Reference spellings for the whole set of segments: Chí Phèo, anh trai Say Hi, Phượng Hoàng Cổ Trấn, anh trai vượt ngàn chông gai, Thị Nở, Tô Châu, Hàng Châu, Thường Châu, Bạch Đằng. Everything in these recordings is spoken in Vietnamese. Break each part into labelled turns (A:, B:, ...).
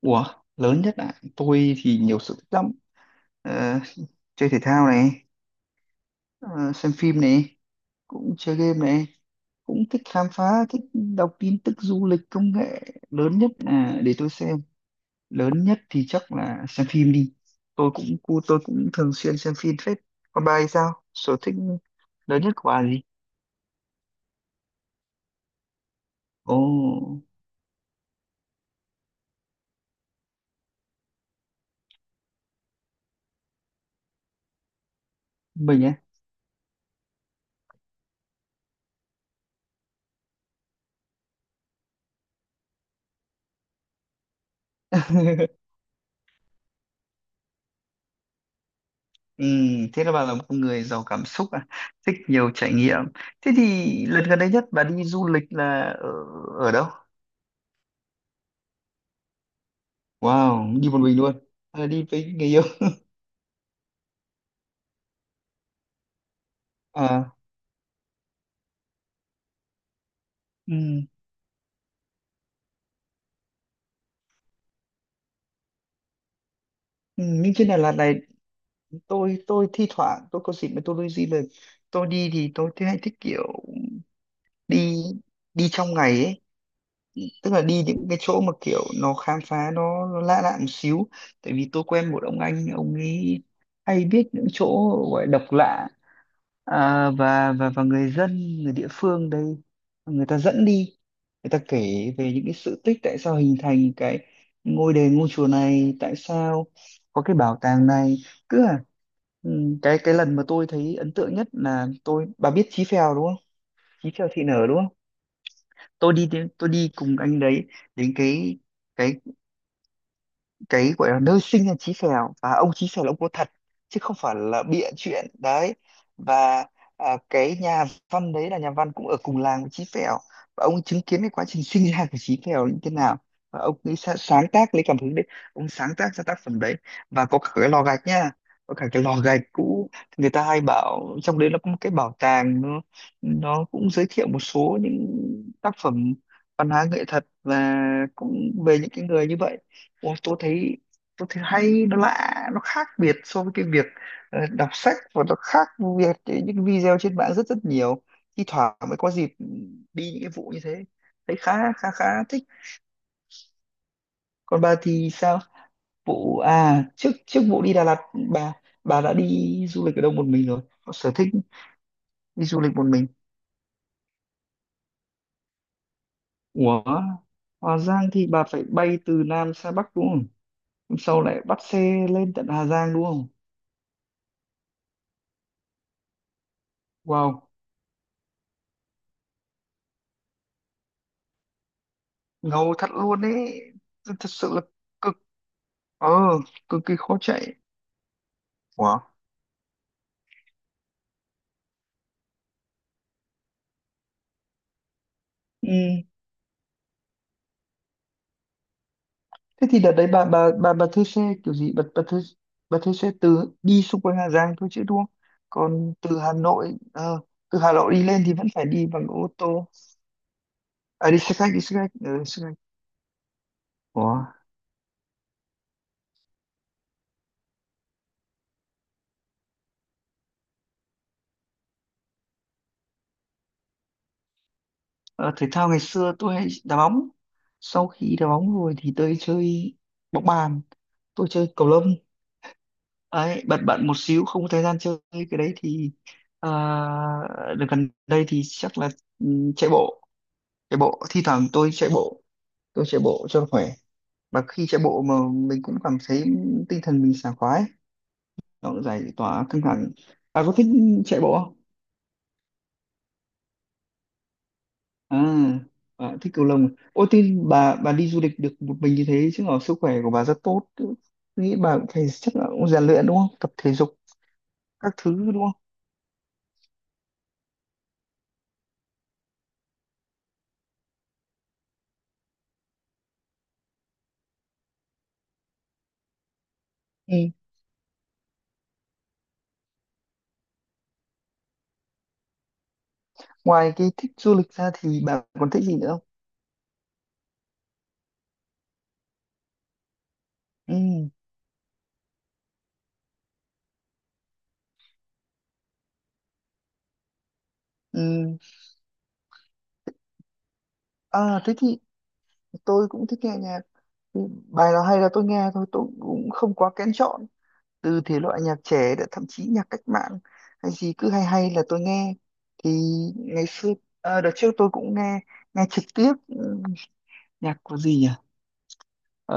A: Ủa, lớn nhất ạ. Tôi thì nhiều sở thích lắm. Ờ, chơi thể thao này, ờ, xem phim này, cũng chơi game này, cũng thích khám phá, thích đọc tin tức du lịch công nghệ. Lớn nhất là để tôi xem. Lớn nhất thì chắc là xem phim đi. Tôi cũng thường xuyên xem phim phết. Còn bà thì sao? Sở thích lớn nhất của bà là gì? Ồ, mình á. Ừ, thế là bà là một người giàu cảm xúc à, thích nhiều trải nghiệm. Thế thì lần gần đây nhất bà đi du lịch là ở đâu? Wow, đi một mình luôn. À, đi với người yêu. À, ừ. Ừ, nhưng trên Đà Lạt này tôi thi thoảng tôi có dịp mà tôi đi du lịch. Tôi đi thì tôi thấy hay thích kiểu đi đi trong ngày ấy, tức là đi những cái chỗ mà kiểu nó khám phá nó lạ lạ một xíu. Tại vì tôi quen một ông anh, ông ấy hay biết những chỗ gọi độc lạ, à, và người dân người địa phương đây người ta dẫn đi người ta kể về những cái sự tích tại sao hình thành cái ngôi đền ngôi chùa này, tại sao có cái bảo tàng này, cứ à ừ, cái lần mà tôi thấy ấn tượng nhất là tôi, bà biết Chí Phèo đúng không? Chí Phèo Thị Nở đúng không? Tôi đi cùng anh đấy đến cái cái gọi là nơi sinh ra Chí Phèo, và ông Chí Phèo là ông có thật chứ không phải là bịa chuyện đấy. Và à, cái nhà văn đấy là nhà văn cũng ở cùng làng với Chí Phèo, và ông chứng kiến cái quá trình sinh ra của Chí Phèo như thế nào, và ông ấy sáng tác lấy cảm hứng đấy, ông sáng tác ra tác phẩm đấy. Và có cả cái lò gạch nha, có cả cái lò gạch cũ, người ta hay bảo trong đấy nó có một cái bảo tàng, nó cũng giới thiệu một số những tác phẩm văn hóa nghệ thuật và cũng về những cái người như vậy. Ôi, tôi thấy, hay nó lạ nó khác biệt so với cái việc đọc sách, và nó khác việc những video trên mạng rất rất nhiều. Thi thoảng mới có dịp đi những cái vụ như thế, thấy khá khá khá thích. Còn bà thì sao, vụ à, trước trước vụ đi Đà Lạt, bà bà đã đi du lịch ở đâu một mình rồi, có sở thích đi du lịch một mình? Ủa, Hà Giang thì bà phải bay từ Nam sang Bắc đúng không? Hôm sau lại bắt xe lên tận Hà Giang đúng không? Wow, ngầu thật luôn ấy, thật sự là cực. ờ Cực kỳ khó chạy. Ủa? Ừ. Thế thì đợt đấy bà thuê xe kiểu gì, bà thuê xe từ đi xung quanh Hà Giang thôi chứ đúng không? Còn từ Hà Nội, từ Hà Nội đi lên thì vẫn phải đi bằng ô tô. À, đi xe khách, đi xe khách, ừ, xe khách. Ủa? Ờ, Thể thao ngày xưa tôi hay đá bóng, sau khi đá bóng rồi thì tôi chơi bóng bàn, tôi chơi cầu lông. Ấy bận bận một xíu không có thời gian chơi cái đấy thì à, đợt gần đây thì chắc là, ừ, chạy bộ. Thi thoảng tôi chạy bộ, tôi chạy bộ cho khỏe, và khi chạy bộ mà mình cũng cảm thấy tinh thần mình sảng khoái, nó cũng giải tỏa căng thẳng. Bà có thích chạy bộ không? À, bà thích cầu lông à? Ôi tin bà đi du lịch được một mình như thế chứ, ở sức khỏe của bà rất tốt, tôi nghĩ bà cũng phải chắc là cũng rèn luyện đúng không, tập thể dục các thứ đúng không? Ngoài cái thích du lịch ra thì bà còn thích gì nữa không? Ừ. Ừ. À, thế thì tôi cũng thích nghe nhạc. Ừ, bài nào hay là tôi nghe thôi, tôi cũng không quá kén chọn, từ thể loại nhạc trẻ đã, thậm chí nhạc cách mạng, hay gì cứ hay hay là tôi nghe. Thì ngày xưa, à, đợt trước tôi cũng nghe, nghe trực tiếp, ừ, nhạc của gì nhỉ. Ờ,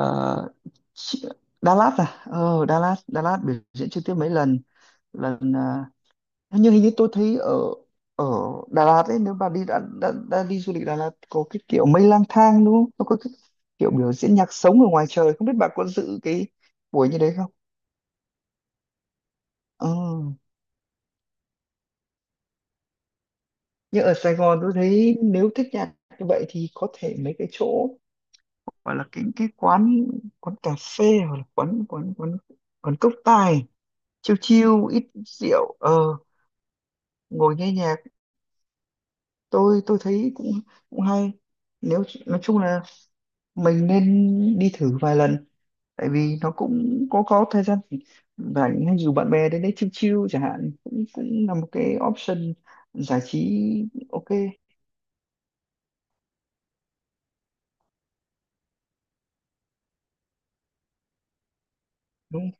A: chị- Đà Lạt à, ờ Đà Lạt, Đà Lạt biểu diễn trực tiếp mấy lần lần, à, hình như tôi thấy ở, ở Đà Lạt ấy, nếu bà đi đã đi du lịch Đà Lạt, có cái kiểu mây lang thang đúng không? Nó có cái kiểu biểu diễn nhạc sống ở ngoài trời, không biết bà có dự cái buổi như đấy không? Ờ. Nhưng ở Sài Gòn tôi thấy nếu thích nhạc như vậy thì có thể mấy cái chỗ gọi là cái quán quán cà phê hoặc là quán quán quán quán cốc tài, chill chill ít rượu, ờ ngồi nghe nhạc. Tôi thấy cũng cũng hay, nếu nói chung là mình nên đi thử vài lần, tại vì nó cũng có thời gian rảnh, hay dù bạn bè đến đấy chill chill chẳng hạn, cũng cũng là một cái option giải trí. Ok, đúng,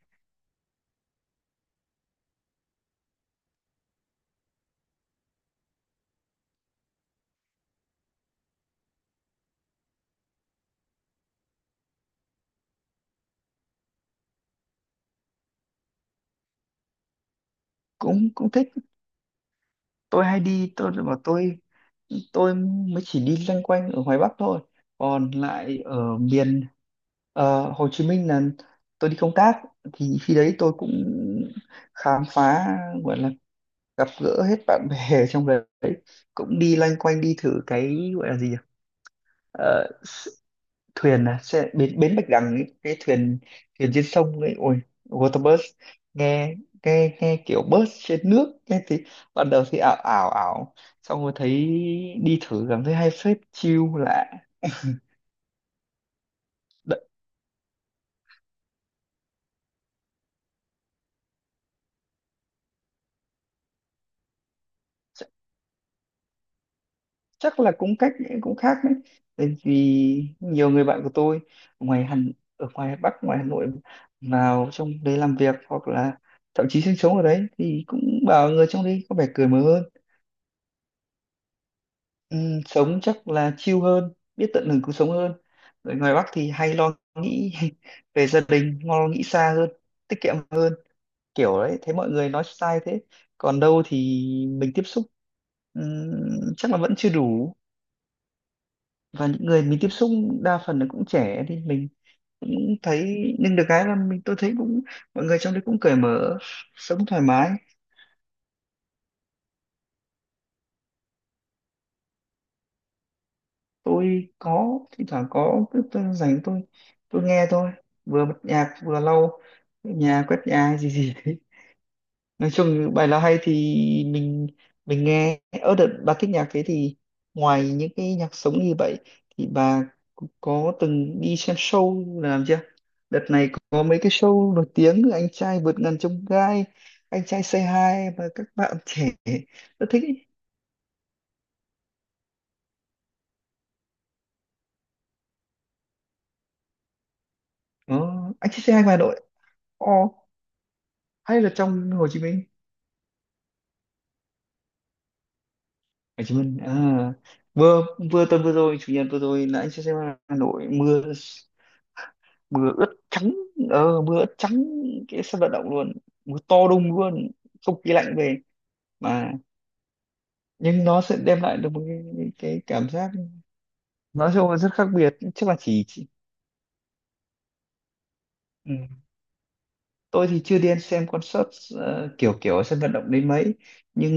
A: cũng cũng thích. Tôi hay đi, tôi mà tôi mới chỉ đi loanh quanh ở ngoài Bắc thôi, còn lại ở miền, Hồ Chí Minh là tôi đi công tác, thì khi đấy tôi cũng khám phá, gọi là gặp gỡ hết bạn bè ở trong đấy, cũng đi loanh quanh, đi thử cái gọi là gì nhỉ. Ờ, s- Thuyền à, xe, bến bến Bạch Đằng ấy, cái thuyền, thuyền trên sông ấy, ôi waterbus, nghe nghe nghe kiểu bus trên nước, nghe thì ban đầu thì ảo ảo ảo, xong rồi thấy đi thử cảm thấy hay phết, chill lạ. Chắc là cũng cách cũng khác đấy, tại vì nhiều người bạn của tôi ngoài Hàn, ở ngoài Bắc ngoài Hà Nội, vào trong đấy làm việc hoặc là thậm chí sinh sống ở đấy, thì cũng bảo người trong đấy có vẻ cởi mở hơn. Sống chắc là chill hơn, biết tận hưởng cuộc sống hơn. Người ngoài Bắc thì hay lo nghĩ về gia đình, lo nghĩ xa hơn, tiết kiệm hơn, kiểu đấy, thấy mọi người nói sai thế. Còn đâu thì mình tiếp xúc, chắc là vẫn chưa đủ, và những người mình tiếp xúc đa phần là cũng trẻ thì mình cũng thấy, nhưng được cái là mình, tôi thấy cũng, mọi người trong đấy cũng cởi mở, sống thoải mái. Tôi có thỉnh thoảng có, cứ tôi rảnh tôi nghe thôi, vừa bật nhạc vừa lau nhà quét nhà hay gì gì đấy. Nói chung bài nào hay thì mình mình nghe. Ở đợt bà thích nhạc thế thì ngoài những cái nhạc sống như vậy thì bà có từng đi xem show là làm chưa? Đợt này có mấy cái show nổi tiếng, anh trai vượt ngàn chông gai, anh trai Say Hi và các bạn trẻ rất thích ý. Ờ, anh trai Say Hi ngoài Hà Nội. Ồ, hay là trong Hồ Chí Minh? Hồ Chí Minh à, vừa, tuần vừa rồi, chủ nhật vừa rồi là anh trai Say Hi Hà Nội mưa, mưa ướt trắng, ờ mưa ướt trắng cái sân vận động luôn, mưa to đùng luôn, không khí lạnh về, mà nhưng nó sẽ đem lại được một cái cảm giác nói chung là rất khác biệt. Chắc là chỉ. Ừ. Tôi thì chưa đi xem concert, kiểu kiểu ở sân vận động đến mấy, nhưng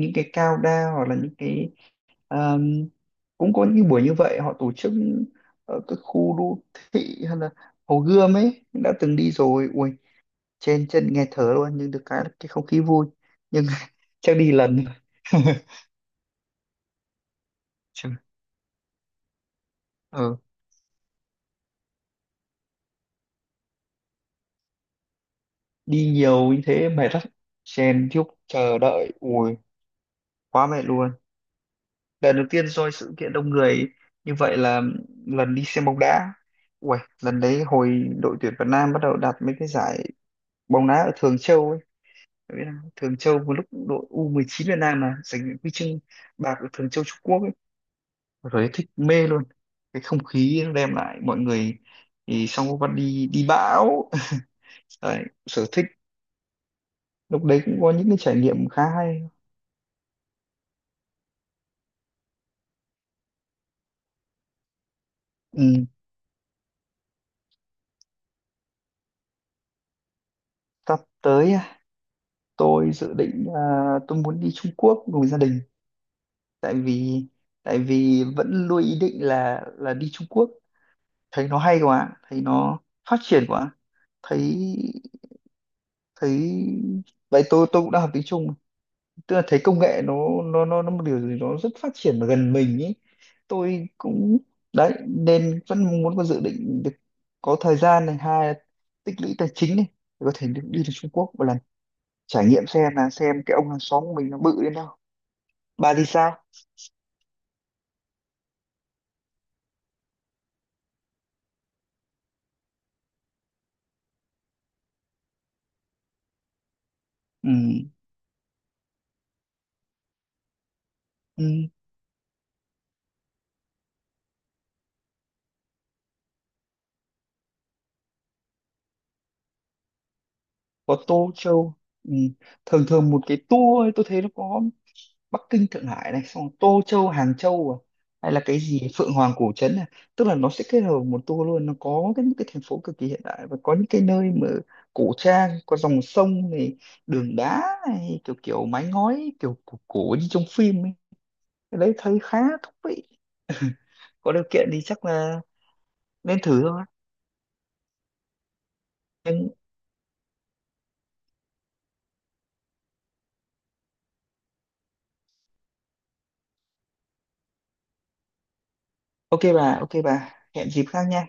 A: những cái cao đa, hoặc là những cái, um, cũng có những buổi như vậy họ tổ chức ở các khu đô thị, hay là Hồ Gươm ấy, đã từng đi rồi. Ui, trên chân nghe thở luôn, nhưng được cái là cái không khí vui. Nhưng chắc đi lần chứ, ừ. Đi nhiều như thế mệt lắm, chen chúc chờ đợi, ui quá mệt luôn. Lần đầu tiên rồi sự kiện đông người như vậy là lần đi xem bóng đá, ui lần đấy hồi đội tuyển Việt Nam bắt đầu đạt mấy cái giải bóng đá ở Thường Châu ấy. Bạn biết không? Thường Châu một lúc đội U19 Việt Nam mà giành huy chương bạc ở Thường Châu Trung Quốc ấy, rồi thích mê luôn cái không khí nó đem lại mọi người. Thì xong có bắt đi đi bão. Đấy, sở thích lúc đấy cũng có những cái trải nghiệm khá hay. Ừ. Sắp tới à, tôi dự định à, tôi muốn đi Trung Quốc cùng gia đình, tại vì, vẫn luôn ý định là, đi Trung Quốc, thấy nó hay quá, thấy nó phát triển quá. Thấy, thấy vậy tôi, cũng đang học tiếng Trung, tức là thấy công nghệ nó, một điều gì đó rất phát triển và gần mình ý. Tôi cũng, đấy nên vẫn muốn có dự định được có thời gian này, hai là tích lũy tài chính này, để có thể được đi đến Trung Quốc một lần, trải nghiệm xem là xem cái ông hàng xóm của mình nó bự đến đâu. Bà thì sao? Ừ, ừ. Có Tô Châu. Ừ. Thường thường một cái tour ấy, tôi thấy nó có Bắc Kinh Thượng Hải này, xong Tô Châu Hàng Châu, à, hay là cái gì Phượng Hoàng Cổ Trấn này, tức là nó sẽ kết hợp một tour luôn, nó có cái những cái thành phố cực kỳ hiện đại và có những cái nơi mà cổ trang, có dòng sông này, đường đá này, kiểu kiểu mái ngói kiểu cổ, cổ như trong phim ấy. Cái đấy thấy khá thú vị, có điều kiện thì chắc là nên thử thôi, nhưng ok bà, hẹn dịp khác nha.